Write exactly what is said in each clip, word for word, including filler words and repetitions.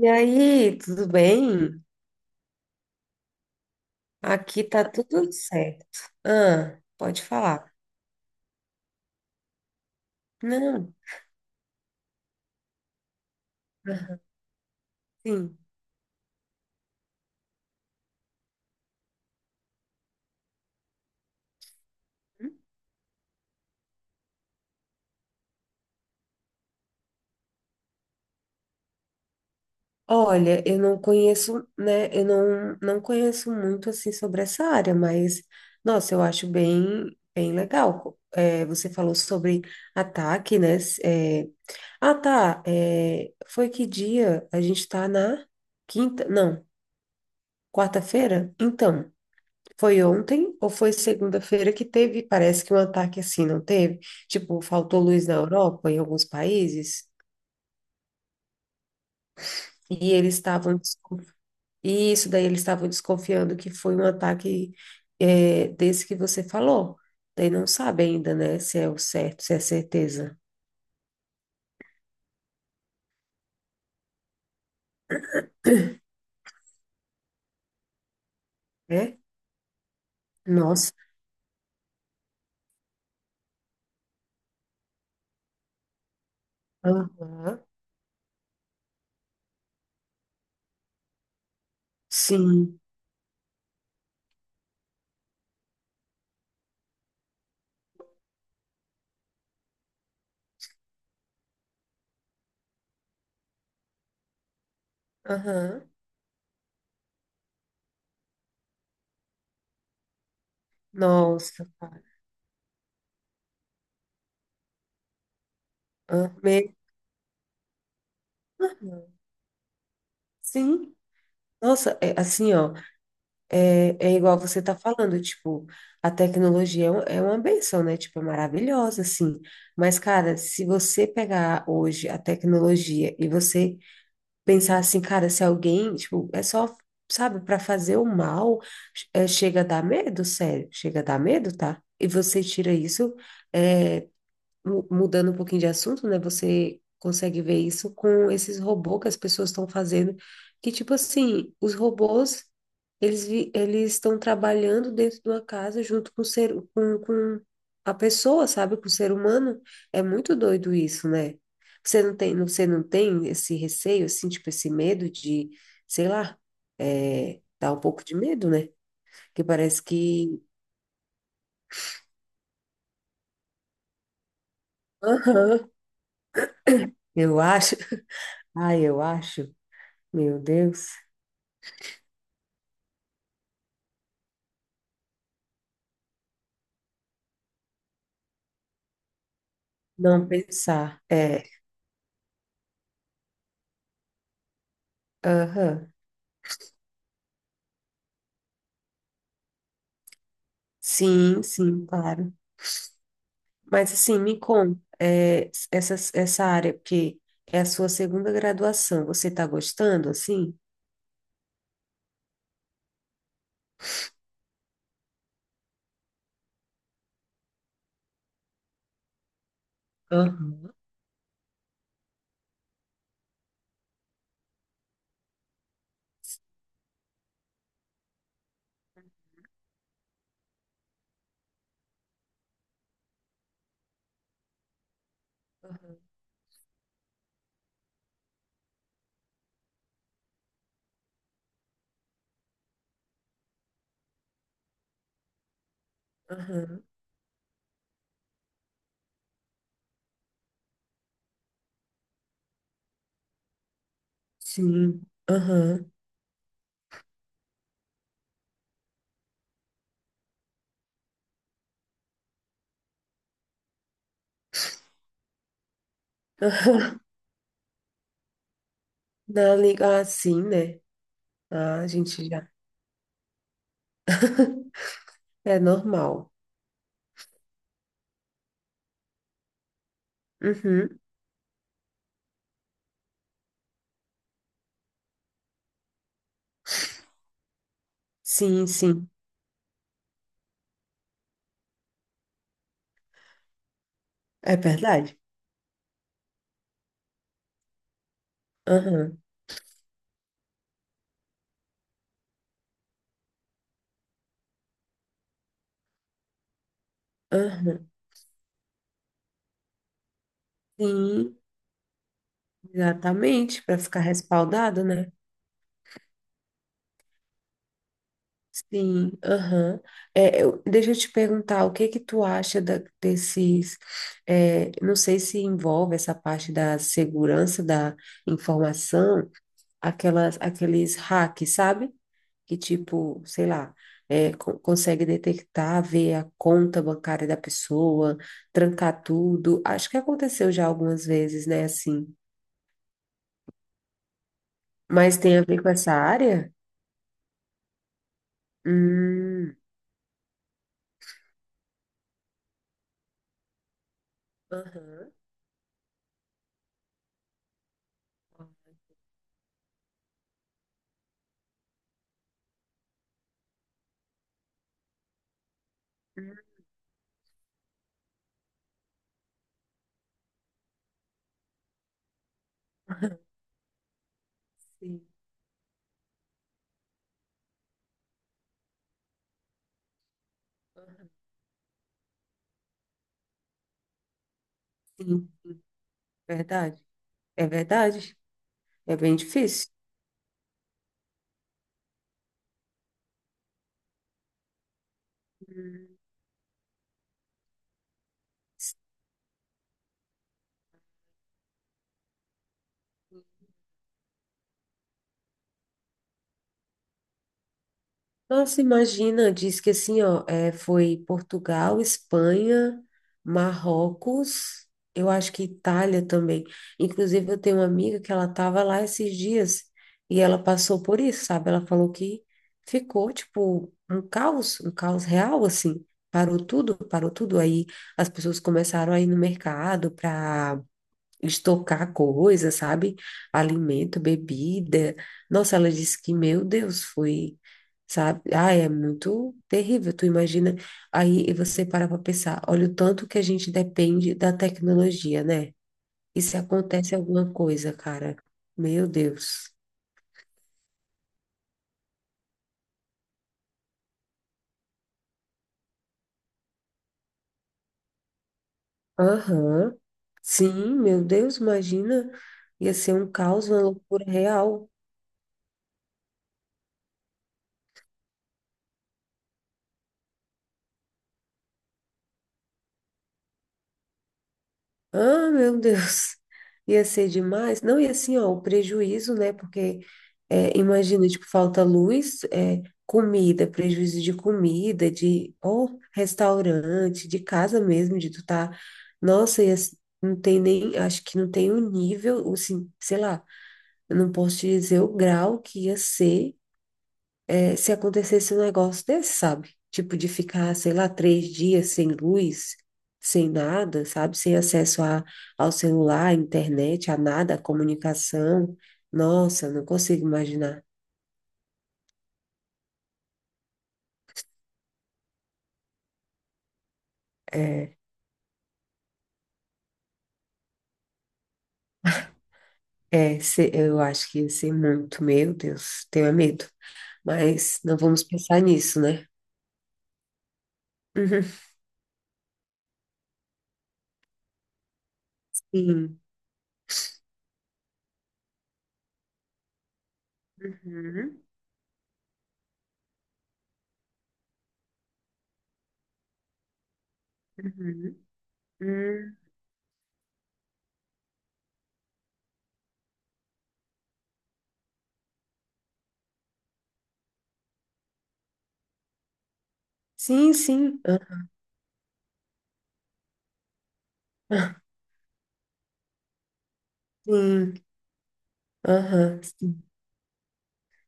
E aí, tudo bem? Aqui tá tudo certo. Ah, pode falar. Não. Aham. Sim. Olha, eu não conheço, né? Eu não, não conheço muito assim sobre essa área, mas nossa, eu acho bem, bem legal. É, você falou sobre ataque, né? S- é, ah, tá. é, foi que dia? A gente tá na quinta? Não, quarta-feira? Então. Foi ontem ou foi segunda-feira que teve, parece que um ataque assim, não teve? Tipo, faltou luz na Europa, em alguns países, e eles estavam, desconf- e isso daí eles estavam desconfiando que foi um ataque, é, desse que você falou. Daí não sabe ainda, né, se é o certo, se é certeza, né? Nossa, aham, sim, aham, nossa, cara, aham, me- ah, sim, nossa, é assim, ó. É, é igual você tá falando, tipo, a tecnologia é um- é uma benção, né? Tipo, é maravilhosa, assim. Mas, cara, se você pegar hoje a tecnologia e você pensar assim, cara, se alguém, tipo, é só, sabe, para fazer o mal, é, chega a dar medo, sério, chega a dar medo, tá? E você tira isso, é, mu- mudando um pouquinho de assunto, né? Você consegue ver isso com esses robôs que as pessoas estão fazendo, que tipo assim, os robôs, eles vi- eles estão trabalhando dentro de uma casa junto com o ser com, com a pessoa, sabe? Com o ser humano. É muito doido isso, né? Você não tem, você não tem esse receio, assim, tipo esse medo de, sei lá, é, dá um pouco de medo, né? Que parece que Aham, eu acho. Ai, eu acho. Meu Deus. Não pensar. É, aham. Sim, sim, claro. Mas assim, me conta, é, essa, essa área, porque é a sua segunda graduação, você está gostando, assim? Aham. Aham, sim, aham, aham. Na liga, ah, sim, né? Ah, a gente já, é normal. Uhum, sim, sim, é verdade. Aham, aham, sim, exatamente, para ficar respaldado, né? Sim, aham. É, eu- deixa eu te perguntar, o que que tu acha da- desses, é, não sei se envolve essa parte da segurança da informação, aquelas, aqueles hacks, sabe? Que tipo, sei lá, é, co- consegue detectar, ver a conta bancária da pessoa, trancar tudo. Acho que aconteceu já algumas vezes, né, assim. Mas tem a ver com essa área? Hum, aham. Hum, sim. Sim, verdade, é verdade, é bem difícil. Hum. Nossa, imagina, diz que assim, ó, é, foi Portugal, Espanha, Marrocos, eu acho que Itália também. Inclusive, eu tenho uma amiga que ela tava lá esses dias e ela passou por isso, sabe? Ela falou que ficou, tipo, um caos, um caos real, assim. Parou tudo, parou tudo. Aí as pessoas começaram a ir no mercado para estocar coisa, sabe? Alimento, bebida. Nossa, ela disse que, meu Deus, foi, sabe? Ah, é muito terrível. Tu imagina, aí você para para pensar, olha o tanto que a gente depende da tecnologia, né? E se acontece alguma coisa, cara? Meu Deus. Aham. Sim, meu Deus, imagina. Ia ser um caos, uma loucura real. Ah, meu Deus, ia ser demais. Não, e assim, ó, o prejuízo, né? Porque é, imagina, tipo, falta luz, é, comida, prejuízo de comida, de ou restaurante, de casa mesmo, de tu tá. Nossa, ia, s- não tem nem, acho que não tem o nível, o sim, sei lá, eu não posso te dizer o grau que ia ser, é, se acontecesse um negócio desse, sabe? Tipo de ficar, sei lá, três dias sem luz, sem nada, sabe? Sem acesso a, ao celular, à internet, a nada, à comunicação. Nossa, eu não consigo imaginar. É, é, se- eu acho que ia ser muito, meu Deus, tenho é medo. Mas não vamos pensar nisso, né? Uhum, sim. Uhum, uhum, uhum. Sim, sim. Ah, sim, aham, sim.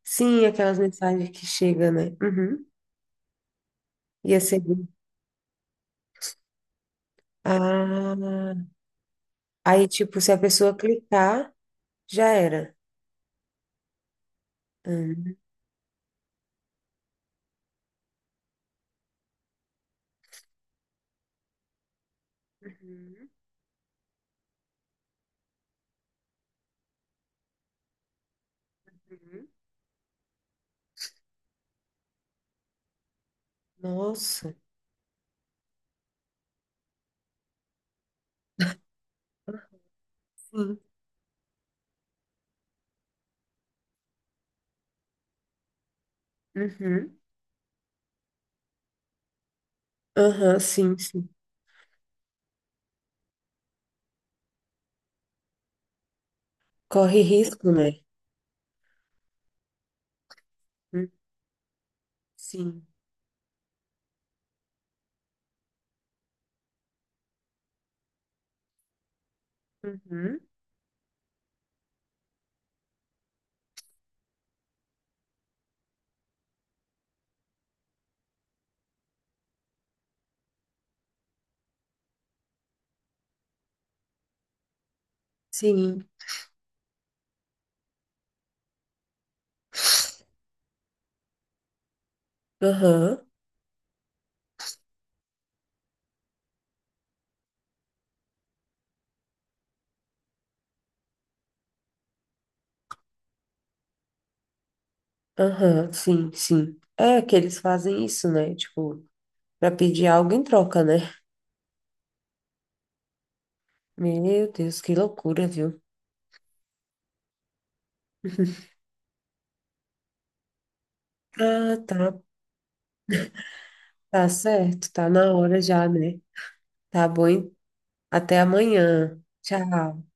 Sim, aquelas mensagens que chegam, né? Uhum. Ia ser. Ah, aí, tipo, se a pessoa clicar, já era. Hum, Uhum, uhum. Nossa. Sim. Uhum. Aham, sim, sim. Corre risco, né? Hum, sim. Uhum. Sim. Aham, aham, sim, sim. É que eles fazem isso, né? Tipo, pra pedir algo em troca, né? Meu Deus, que loucura, viu? Ah, tá, tá certo, tá na hora já, né? Tá bom, até amanhã. Tchau.